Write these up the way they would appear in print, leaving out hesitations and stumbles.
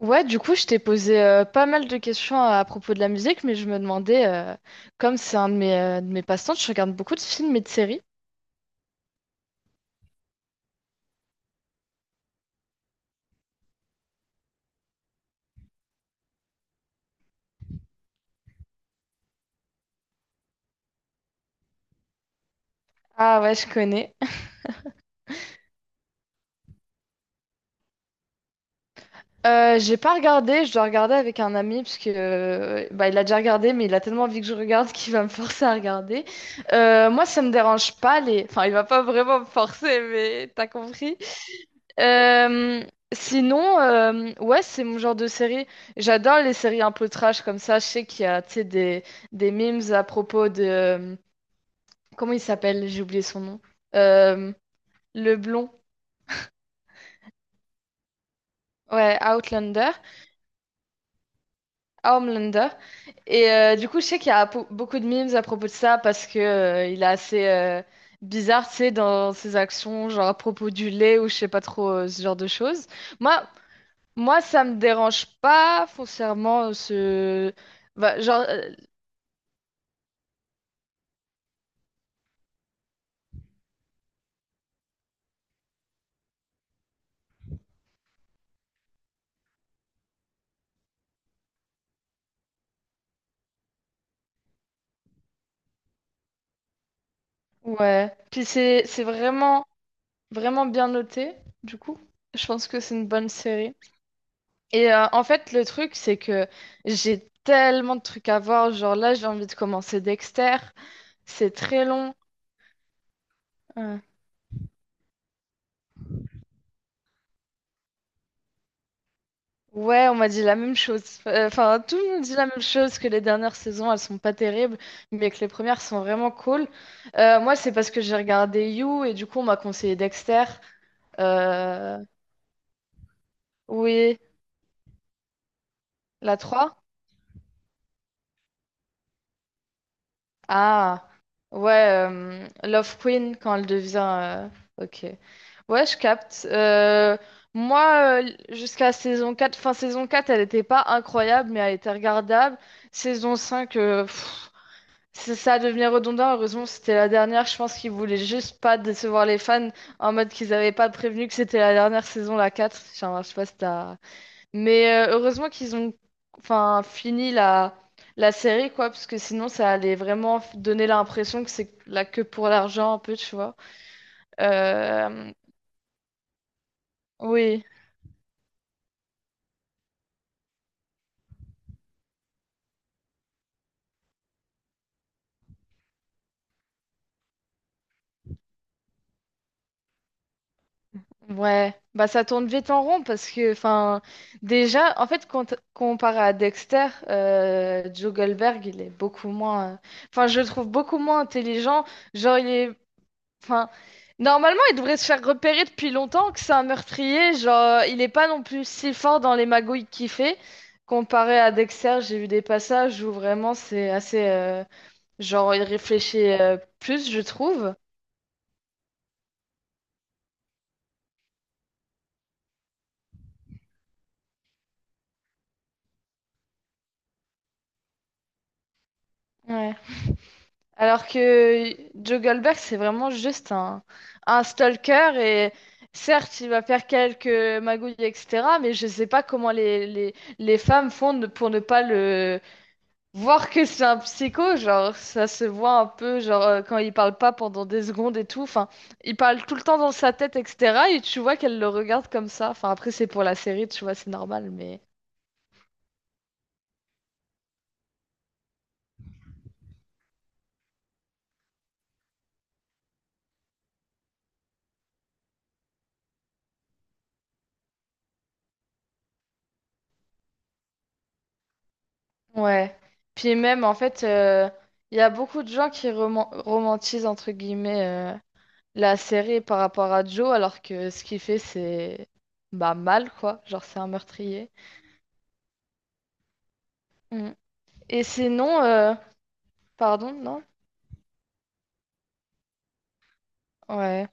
Ouais, du coup, je t'ai posé pas mal de questions à propos de la musique, mais je me demandais, comme c'est un de de mes passe-temps, je regarde beaucoup de films et de séries. Ah ouais, je connais. J'ai pas regardé, je dois regarder avec un ami, parce que bah, il a déjà regardé, mais il a tellement envie que je regarde qu'il va me forcer à regarder. Moi, ça me dérange pas les. Enfin, il va pas vraiment me forcer, mais t'as compris? Euh, Sinon, ouais, c'est mon genre de série. J'adore les séries un peu trash comme ça. Je sais qu'il y a, tu sais, des memes à propos. Comment il s'appelle? J'ai oublié son nom. Euh, le blond. Ouais, Outlander. Homelander. Et du coup, je sais qu'il y a beaucoup de memes à propos de ça parce que il est assez bizarre, tu sais, dans ses actions, genre à propos du lait ou je sais pas trop ce genre de choses. Moi, Moi, ça me dérange pas foncièrement. Bah, genre, ouais. Puis c'est vraiment, vraiment bien noté, du coup. Je pense que c'est une bonne série. Et en fait, le truc, c'est que j'ai tellement de trucs à voir. Genre là, j'ai envie de commencer Dexter. C'est très long. euh, Ouais, on m'a dit la même chose. Enfin, tout le monde dit la même chose que les dernières saisons, elles sont pas terribles, mais que les premières sont vraiment cool. Moi, c'est parce que j'ai regardé You et du coup, on m'a conseillé Dexter. Euh, oui, la trois. Ah, ouais, Love Queen quand elle devient. Ok. Ouais, je capte. Moi, jusqu'à saison 4, fin saison 4, elle n'était pas incroyable, mais elle était regardable. Saison 5, c'est ça devenir redondant, heureusement c'était la dernière, je pense qu'ils voulaient juste pas décevoir les fans en mode qu'ils avaient pas prévenu que c'était la dernière saison, la quatre. Enfin, je sais pas si t'as. Mais heureusement qu'ils ont enfin, fini la série, quoi, parce que sinon ça allait vraiment donner l'impression que c'est là que pour l'argent un peu, tu vois. Euh, Oui. Ouais, bah ça tourne vite en rond parce que, enfin, déjà, en fait, comparé à Dexter, Joe Goldberg, il est beaucoup moins, enfin, je le trouve beaucoup moins intelligent. Genre, enfin, normalement, il devrait se faire repérer depuis longtemps que c'est un meurtrier. Genre, il est pas non plus si fort dans les magouilles qu'il fait. Comparé à Dexter, j'ai vu des passages où vraiment c'est assez, genre, il réfléchit plus, je trouve. Alors que Joe Goldberg, c'est vraiment juste un stalker et certes, il va faire quelques magouilles, etc. Mais je sais pas comment les femmes font pour ne pas le voir que c'est un psycho. Genre, ça se voit un peu, genre, quand il parle pas pendant des secondes et tout. Enfin, il parle tout le temps dans sa tête, etc. Et tu vois qu'elle le regarde comme ça. Enfin, après, c'est pour la série, tu vois, c'est normal, mais. Ouais. Puis même, en fait, il y a beaucoup de gens qui romantisent, entre guillemets, la série par rapport à Joe, alors que ce qu'il fait, c'est bah, mal, quoi. Genre, c'est un meurtrier. Mm. Et sinon, pardon, non? Ouais.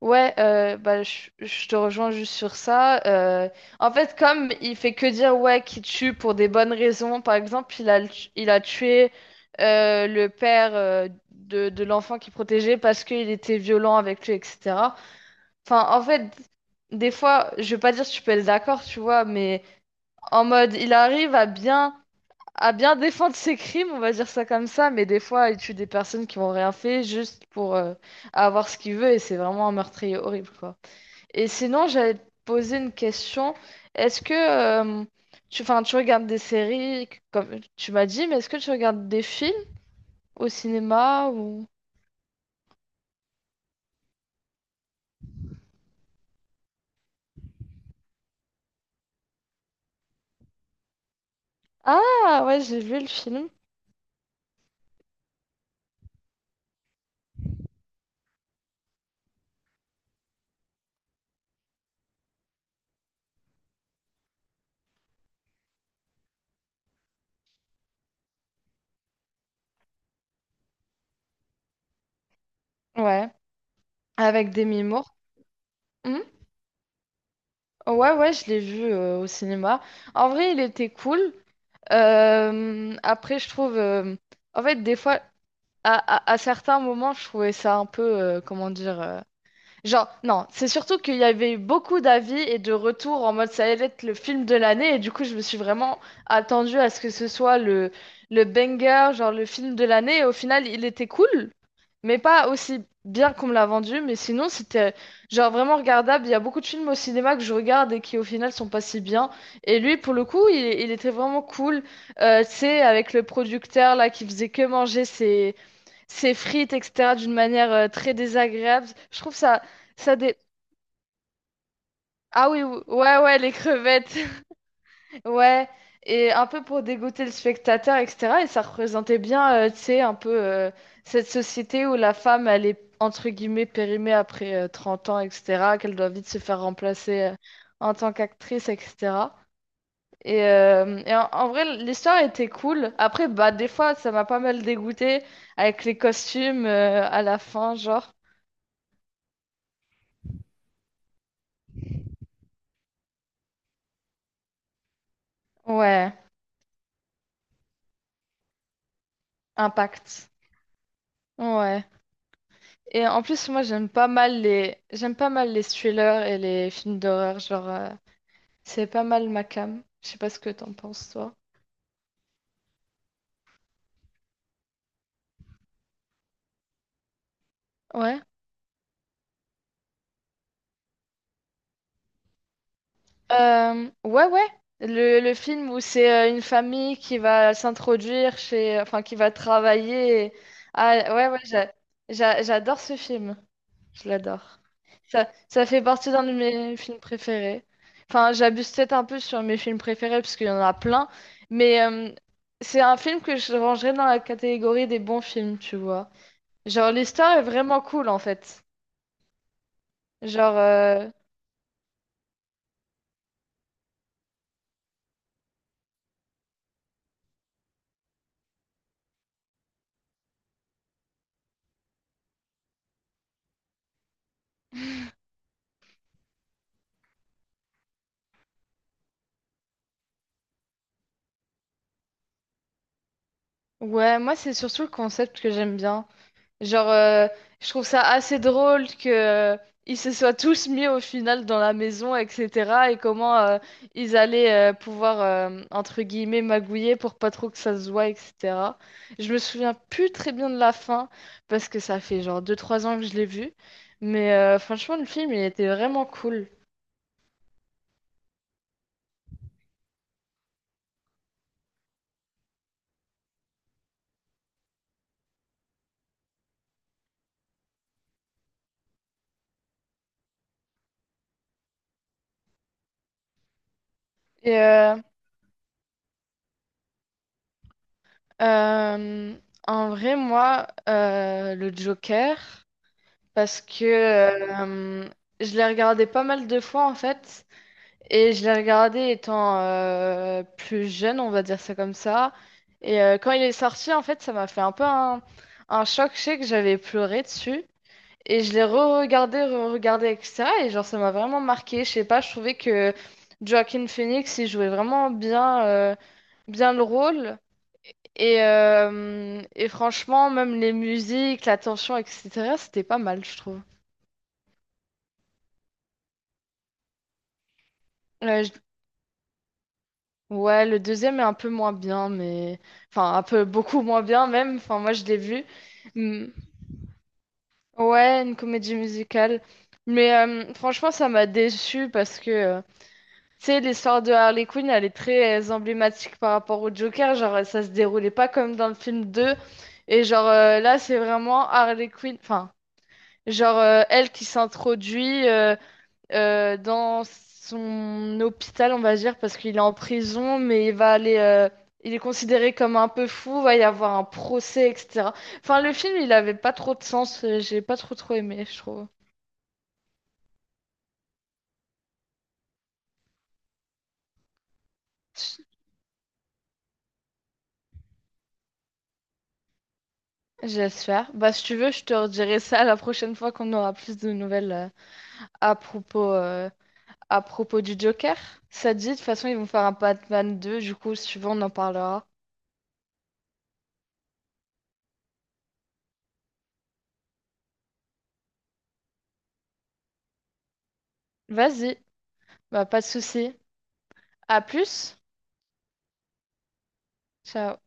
Ouais, bah, je te rejoins juste sur ça. En fait, comme il fait que dire ouais qu'il tue pour des bonnes raisons, par exemple, il a tué le père de l'enfant qu'il protégeait parce qu'il était violent avec lui, etc. Enfin, en fait, des fois, je veux pas dire que je peux être d'accord, tu vois, mais en mode, il arrive à bien défendre ses crimes, on va dire ça comme ça, mais des fois, il tue des personnes qui n'ont rien fait juste pour avoir ce qu'il veut et c'est vraiment un meurtrier horrible, quoi. Et sinon, j'allais te poser une question. Est-ce que enfin, tu regardes des séries, comme tu m'as dit, mais est-ce que tu regardes des films au cinéma ou. Ah, ouais, j'ai vu le film. Ouais, avec Demi Moore. Hmm. Ouais, ouais, je l'ai vu au cinéma. En vrai, il était cool. Après, je trouve, en fait, des fois, à certains moments, je trouvais ça un peu, comment dire. Genre, non, c'est surtout qu'il y avait eu beaucoup d'avis et de retours en mode ça allait être le film de l'année et du coup je me suis vraiment attendue à ce que ce soit le banger, genre le film de l'année et au final il était cool, mais pas aussi bien qu'on me l'a vendu, mais sinon c'était genre vraiment regardable. Il y a beaucoup de films au cinéma que je regarde et qui au final sont pas si bien et lui pour le coup il était vraiment cool, tu sais, avec le producteur là qui faisait que manger ses frites, etc., d'une manière très désagréable. Je trouve ça. Ah oui, ouais, ouais, les crevettes, ouais, et un peu pour dégoûter le spectateur, etc. Et ça représentait bien, tu sais, un peu cette société où la femme, elle est entre guillemets périmée après 30 ans, etc., qu'elle doit vite se faire remplacer en tant qu'actrice, etc. Et en vrai, l'histoire était cool. Après, bah, des fois, ça m'a pas mal dégoûté avec les costumes à la fin, genre. Ouais. Impact. Ouais. Et en plus, moi, j'aime pas mal les thrillers et les films d'horreur. Genre, c'est pas mal ma came. Je sais pas ce que t'en penses, toi. Ouais. Ouais, ouais. Le film où c'est une famille qui va s'introduire chez, enfin, qui va travailler. Ah, ouais, ouais, j'adore ce film. Je l'adore. Ça fait partie d'un de mes films préférés. Enfin, j'abuse peut-être un peu sur mes films préférés parce qu'il y en a plein, mais c'est un film que je rangerais dans la catégorie des bons films, tu vois. Genre, l'histoire est vraiment cool en fait. Genre, ouais, moi c'est surtout le concept que j'aime bien. Genre, je trouve ça assez drôle que euh, ils se soient tous mis au final dans la maison, etc. Et comment ils allaient pouvoir, entre guillemets, magouiller pour pas trop que ça se voie, etc. Je me souviens plus très bien de la fin, parce que ça fait genre deux trois ans que je l'ai vu. Mais franchement, le film, il était vraiment cool. Et euh, en vrai, moi, le Joker, parce que je l'ai regardé pas mal de fois, en fait. Et je l'ai regardé étant plus jeune, on va dire ça comme ça. Et quand il est sorti, en fait, ça m'a fait un peu un choc. Je sais que j'avais pleuré dessus. Et je l'ai re-regardé, re-regardé, etc. Et genre, ça m'a vraiment marqué. Je sais pas, je trouvais que Joaquin Phoenix, il jouait vraiment bien le rôle. Et franchement, même les musiques, la tension, etc., c'était pas mal, je trouve. Euh, Ouais, le deuxième est un peu moins bien, mais. Enfin, un peu beaucoup moins bien même. Enfin, moi, je l'ai vu. Hmm. Ouais, une comédie musicale. Mais franchement, ça m'a déçue parce que, tu sais, l'histoire de Harley Quinn, elle est très emblématique par rapport au Joker. Genre, ça se déroulait pas comme dans le film deux. Et genre, là, c'est vraiment Harley Quinn. Enfin, genre, elle qui s'introduit, dans son hôpital, on va dire, parce qu'il est en prison, mais il va aller, il est considéré comme un peu fou, va y avoir un procès, etc. Enfin, le film, il avait pas trop de sens, j'ai pas trop trop aimé, je trouve. J'espère. Bah, si tu veux, je te redirai ça la prochaine fois qu'on aura plus de nouvelles à propos, euh, à propos du Joker. Ça te dit, de toute façon, ils vont faire un Batman 2, du coup, si tu veux, on en parlera. Vas-y, bah, pas de souci. À plus. Ciao.